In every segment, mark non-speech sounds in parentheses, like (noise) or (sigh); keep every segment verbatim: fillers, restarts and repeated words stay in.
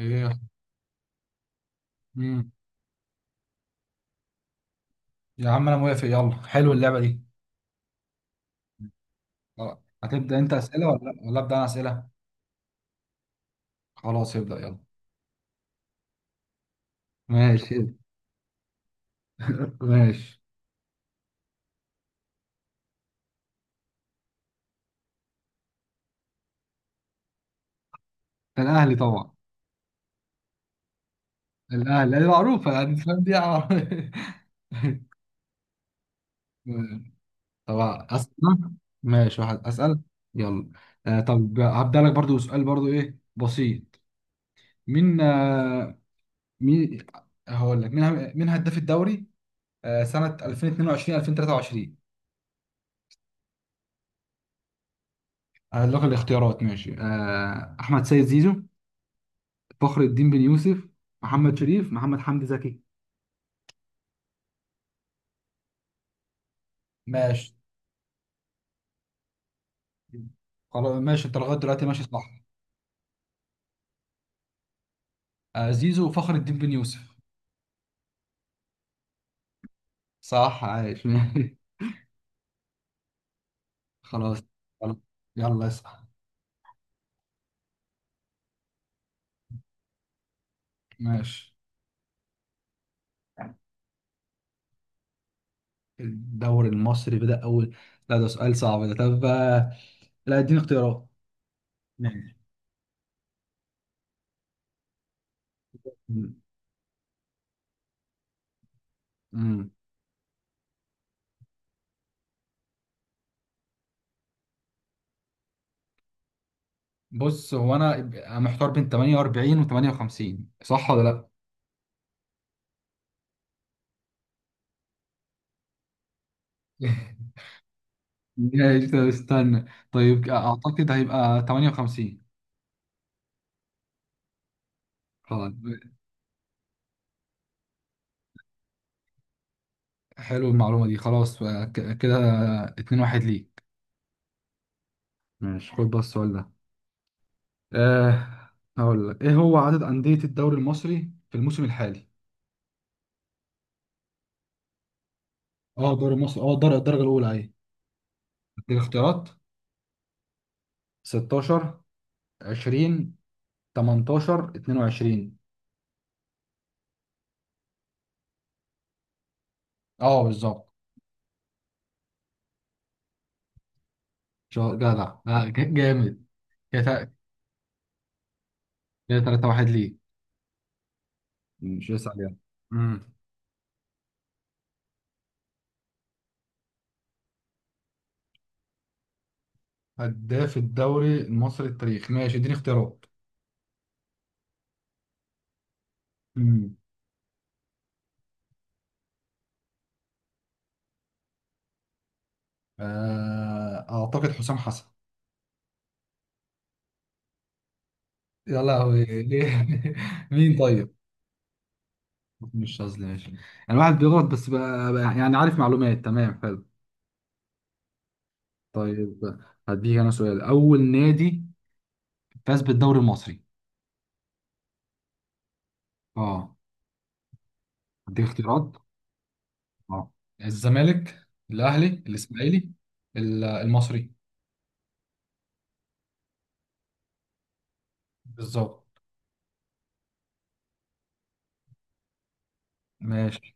ايه. مم. يا عم انا موافق، يلا حلو اللعبه دي. آه، هتبدا انت اسئله ولا لأ؟ ولا ابدا انا اسئله؟ خلاص، ابدا يلا. ماشي. (laughs) ماشي، ده الاهلي طبعا. الاهلي دي معروفه، يعني فاهم دي عار- (laughs) طبعا اسال. ماشي، واحد، اسال يلا. آه طب هبدا لك برضو سؤال، برضو ايه، بسيط. مين آه مين هقول لك مين. مين هداف الدوري؟ آه سنه ألفين واتنين وعشرين ألفين وتلاتة وعشرين. هقول لك الاختيارات. ماشي، آه احمد سيد زيزو، فخر الدين بن يوسف، محمد شريف، محمد حمدي زكي. ماشي خلاص. ماشي، انت لغايه دلوقتي ماشي صح. آه، زيزو وفخر الدين بن يوسف. صح، عايش. (laughs) خلاص. خلاص. يلا اسأل. ماشي. الدوري المصري بدأ أول... لا ده سؤال صعب ده. طب آه، لا اديني اختيارات. ماشي. مم. مم. بص، هو انا محتار بين ثمانية وأربعين و تمانية وخمسين، صح ولا لا؟ (laughs) ماشي، طب استنى. طيب اعتقد هيبقى ثمانية وخمسين. خلاص. (laughs) حلو المعلومة دي. خلاص، آه، ك- كده اتنين واحد ليك. ماشي، خد بقى السؤال ده. أه، هقول لك ايه هو عدد أندية الدوري المصري في الموسم الحالي؟ اه الدوري المصري، اه الدرجة الدرجة الأولى اهي. اديك اختيارات: ستاشر، عشرين، تمنتاشر، اتنين وعشرين. اه بالظبط. شو- جدع، آه، ج- جامد كده. كده تلاتة واحد ليك. ماشي، اسأل يلا. امم هداف الدوري المصري التاريخي. ماشي اديني اختيارات. امم، آه، اعتقد حسام حسن. يا لهوي ليه؟ (laughs) مين طيب؟ مش قصدي، ماشي. يعني واحد بيغلط بس بقى، بقى يعني عارف معلومات. تمام، حلو. طيب، هديك انا سؤال: اول نادي فاز بالدوري المصري. اه. هديك اختيارات: اه الزمالك، الاهلي، الاسماعيلي، ال- المصري. بالظبط. ماشي،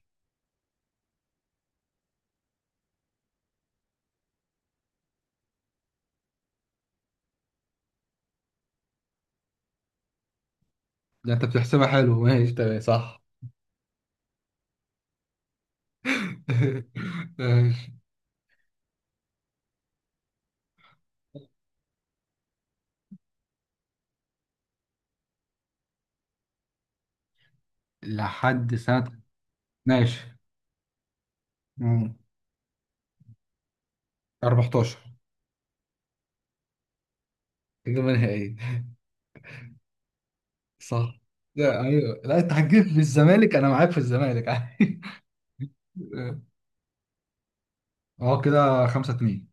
ده انت بتحسبها. حلو، ماشي تمام صح. (laughs) ماشي لحد سنة. ماشي. مم. أربعتاشر. إجابة نهائية. صح. لا، ايوه، لا، انت هتجيب في الزمالك انا معاك في الزمالك عادي. (laughs) اه كده خمسة اتنين.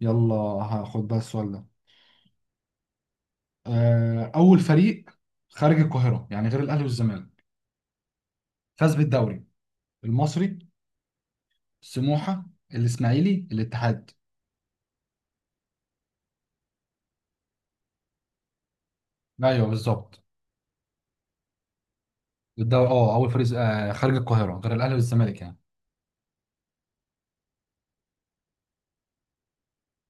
يلا هاخد بقى السؤال ده. آه، أول فريق خارج القاهرة، يعني غير الأهلي والزمالك، فاز بالدوري المصري: سموحة، الإسماعيلي، الاتحاد. أيوه بالظبط. الدوري اه، أول فريق آه، خارج القاهرة غير الأهلي والزمالك يعني.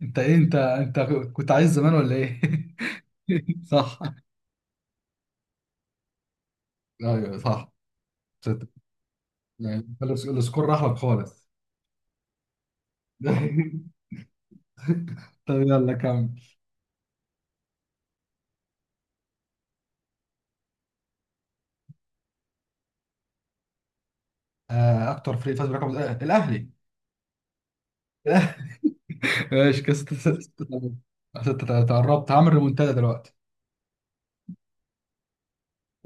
انت ايه؟ انت انت كنت عايز زمان ولا ايه؟ (laughs) صح. أيوه صح. ستة. يعني السكور راح لك خالص. (laughs) طب يلا كمل. آه، اكتر فريق فاز برقم، آه، الاهلي. (laughs) ماشي كده ستة ستة. قربت هعمل ريمونتادا دلوقتي.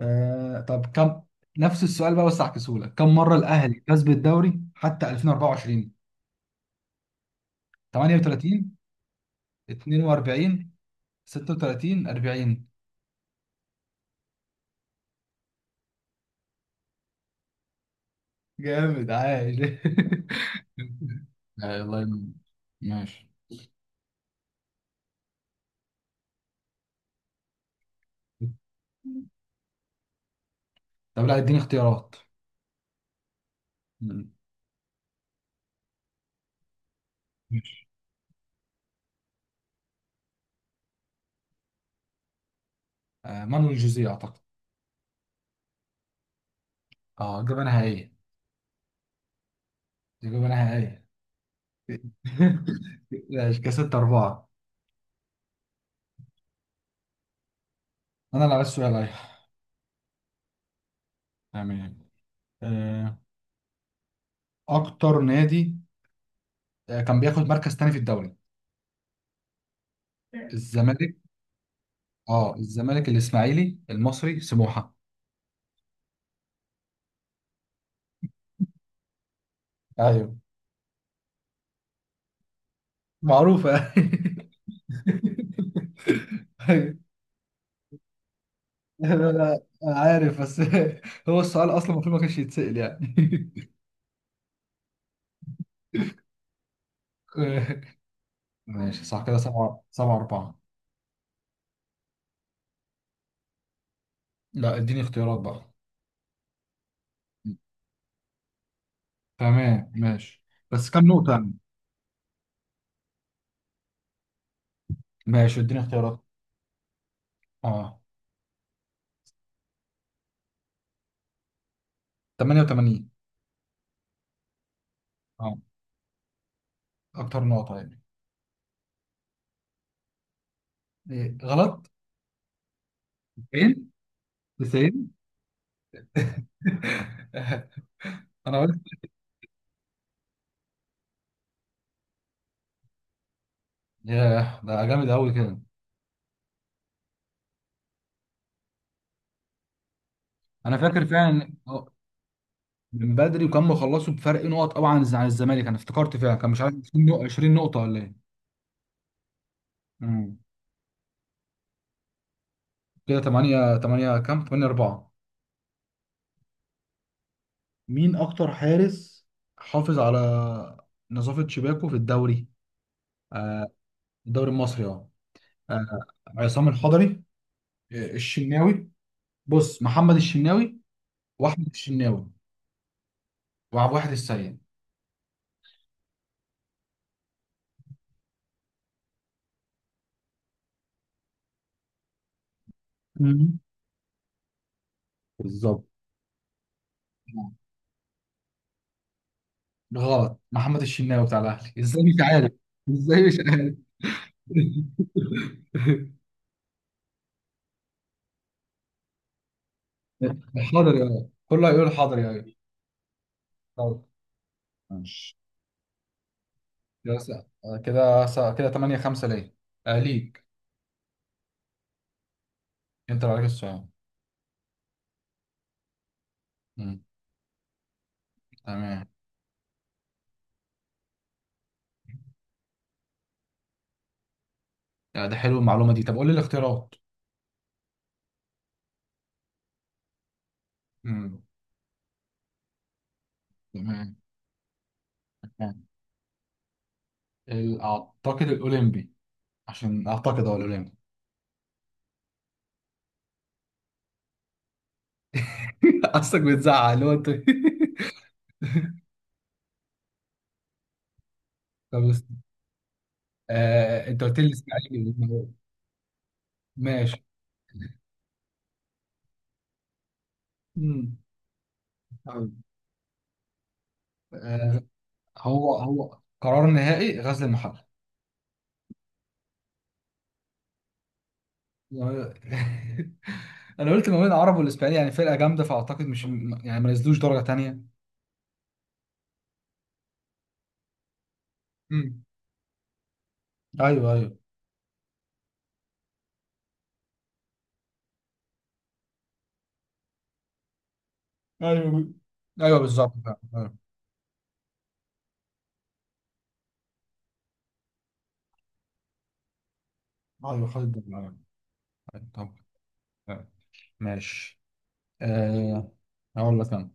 آه، طب كم نفس السؤال بقى، بس هعكسهولك، كم مرة الأهلي فاز بالدوري حتى ألفين وأربعة وعشرين؟ تمانية وتلاتين، اتنين وأربعين، ستة وثلاثين، أربعين. جامد عايش. (laughs) آه، الله ينور. ماشي، طب لا اديني اختيارات. مم. ماشي، آه، مانويل جوزيه أعتقد. اه اجابه نهائيه. تجيب انا نهائية. (laughs) ماشي، كده ستة أربعة. أنا اللي عايز سؤال، أيوة. تمام. آه، أكتر نادي آه، كان بياخد مركز تاني في الدوري، الزمالك. أه الزمالك، الإسماعيلي، المصري، سموحة. أيوه، معروفة. (laughs) أيوه، أنا أنا عارف بس. (laughs) هو السؤال أصلا المفروض ما كانش يتسأل يعني. (laughs) ماشي صح، كده سبعة سبعة أربعة. لا اديني اختيارات بقى. تمام ماشي. بس كام نقطة يعني؟ ماشي اديني اختيارات. اه. تمانية وتمانين. اه، اكتر نقطة يعني؟ إيه، غلط. تسعين. تسعين. (laughs) انا قلت. ياه، ده جامد قوي كده. انا فاكر فعلا إن- آه، من بدري، وكان مخلصوا بفرق نقط قوي عن الز- عن الزمالك، انا افتكرت فعلا كان مش عارف 20 نقطة 20 نقطة ولا ايه. امم. كده ثمانية تمانية، كام؟ ثمانية أربعة. مين اكتر حارس حافظ على نظافة شباكه في الدوري؟ آه الدوري المصري، اه. آه، عصام الحضري، آه، الشناوي. بص، محمد الشناوي واحمد الشناوي وعبد الواحد السيد. مم. بالظبط. غلط، محمد الشناوي بتاع الاهلي ازاي مش عارف. ازاي مش عارف. (laughs) حاضر يا ولد. كله هيقول حاضر يا ولد. حاضر. ماشي، كده س- كده س- كده تمانية خمسة ليه. آه، ليك. انت اللي عليك السؤال. مم. تمام. آه، ده حلو المعلومه دي. طب قول لي الاختيارات. مم. تمام. تمام. ال- اعتقد الاولمبي. عشان اعتقد هو الاولمبي. (laughs) قصدك بتزعق اللي هو انت. (laughs) طب آه، انت قلت لي الاسماعيلي. ماشي. امم. طيب. آه، هو هو قرار نهائي: غزل المحله. (laughs) انا قلت ما بين العرب والاسبانيين، يعني فرقه جامده فاعتقد مش يعني ما نزلوش درجه تانية. امم. ايوه، ايوه. ايوه، ايوه بالظبط فعلا. ايوه. ايوه خد الدوري، ايوه. أيوة، طب. أيوة. ماشي. أه هقول لك انا،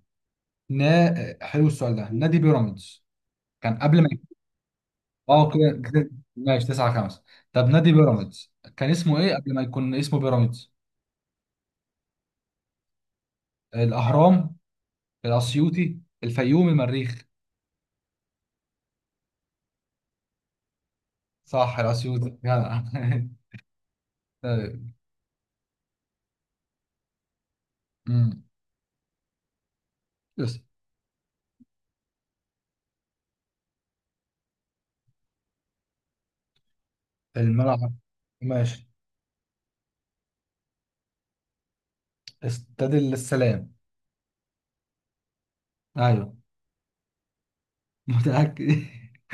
نا حلو السؤال ده. نادي بيراميدز كان قبل ما... اه كده كده- ماشي تسعة خمسة. طب نادي بيراميدز كان اسمه ايه قبل ما يكون اسمه بيراميدز؟ الاهرام، الاسيوطي، الفيوم، المريخ. صح، الاسيوطي، جدع. (laughs) طيب. أمم. بس الملعب. ماشي، استاد السلام. ايوه، متاكد. (laughs)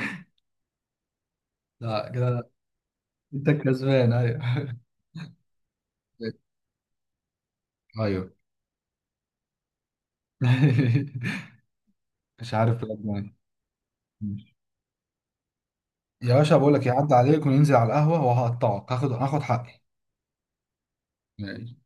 لا كده انت كسبان. ايوه ايوه. (laughs) مش عارف بجد يعني. يا باشا بقول لك يعدي عليك وننزل على القهوه، وهقطعك، هاخد هاخد حقي. ماشي.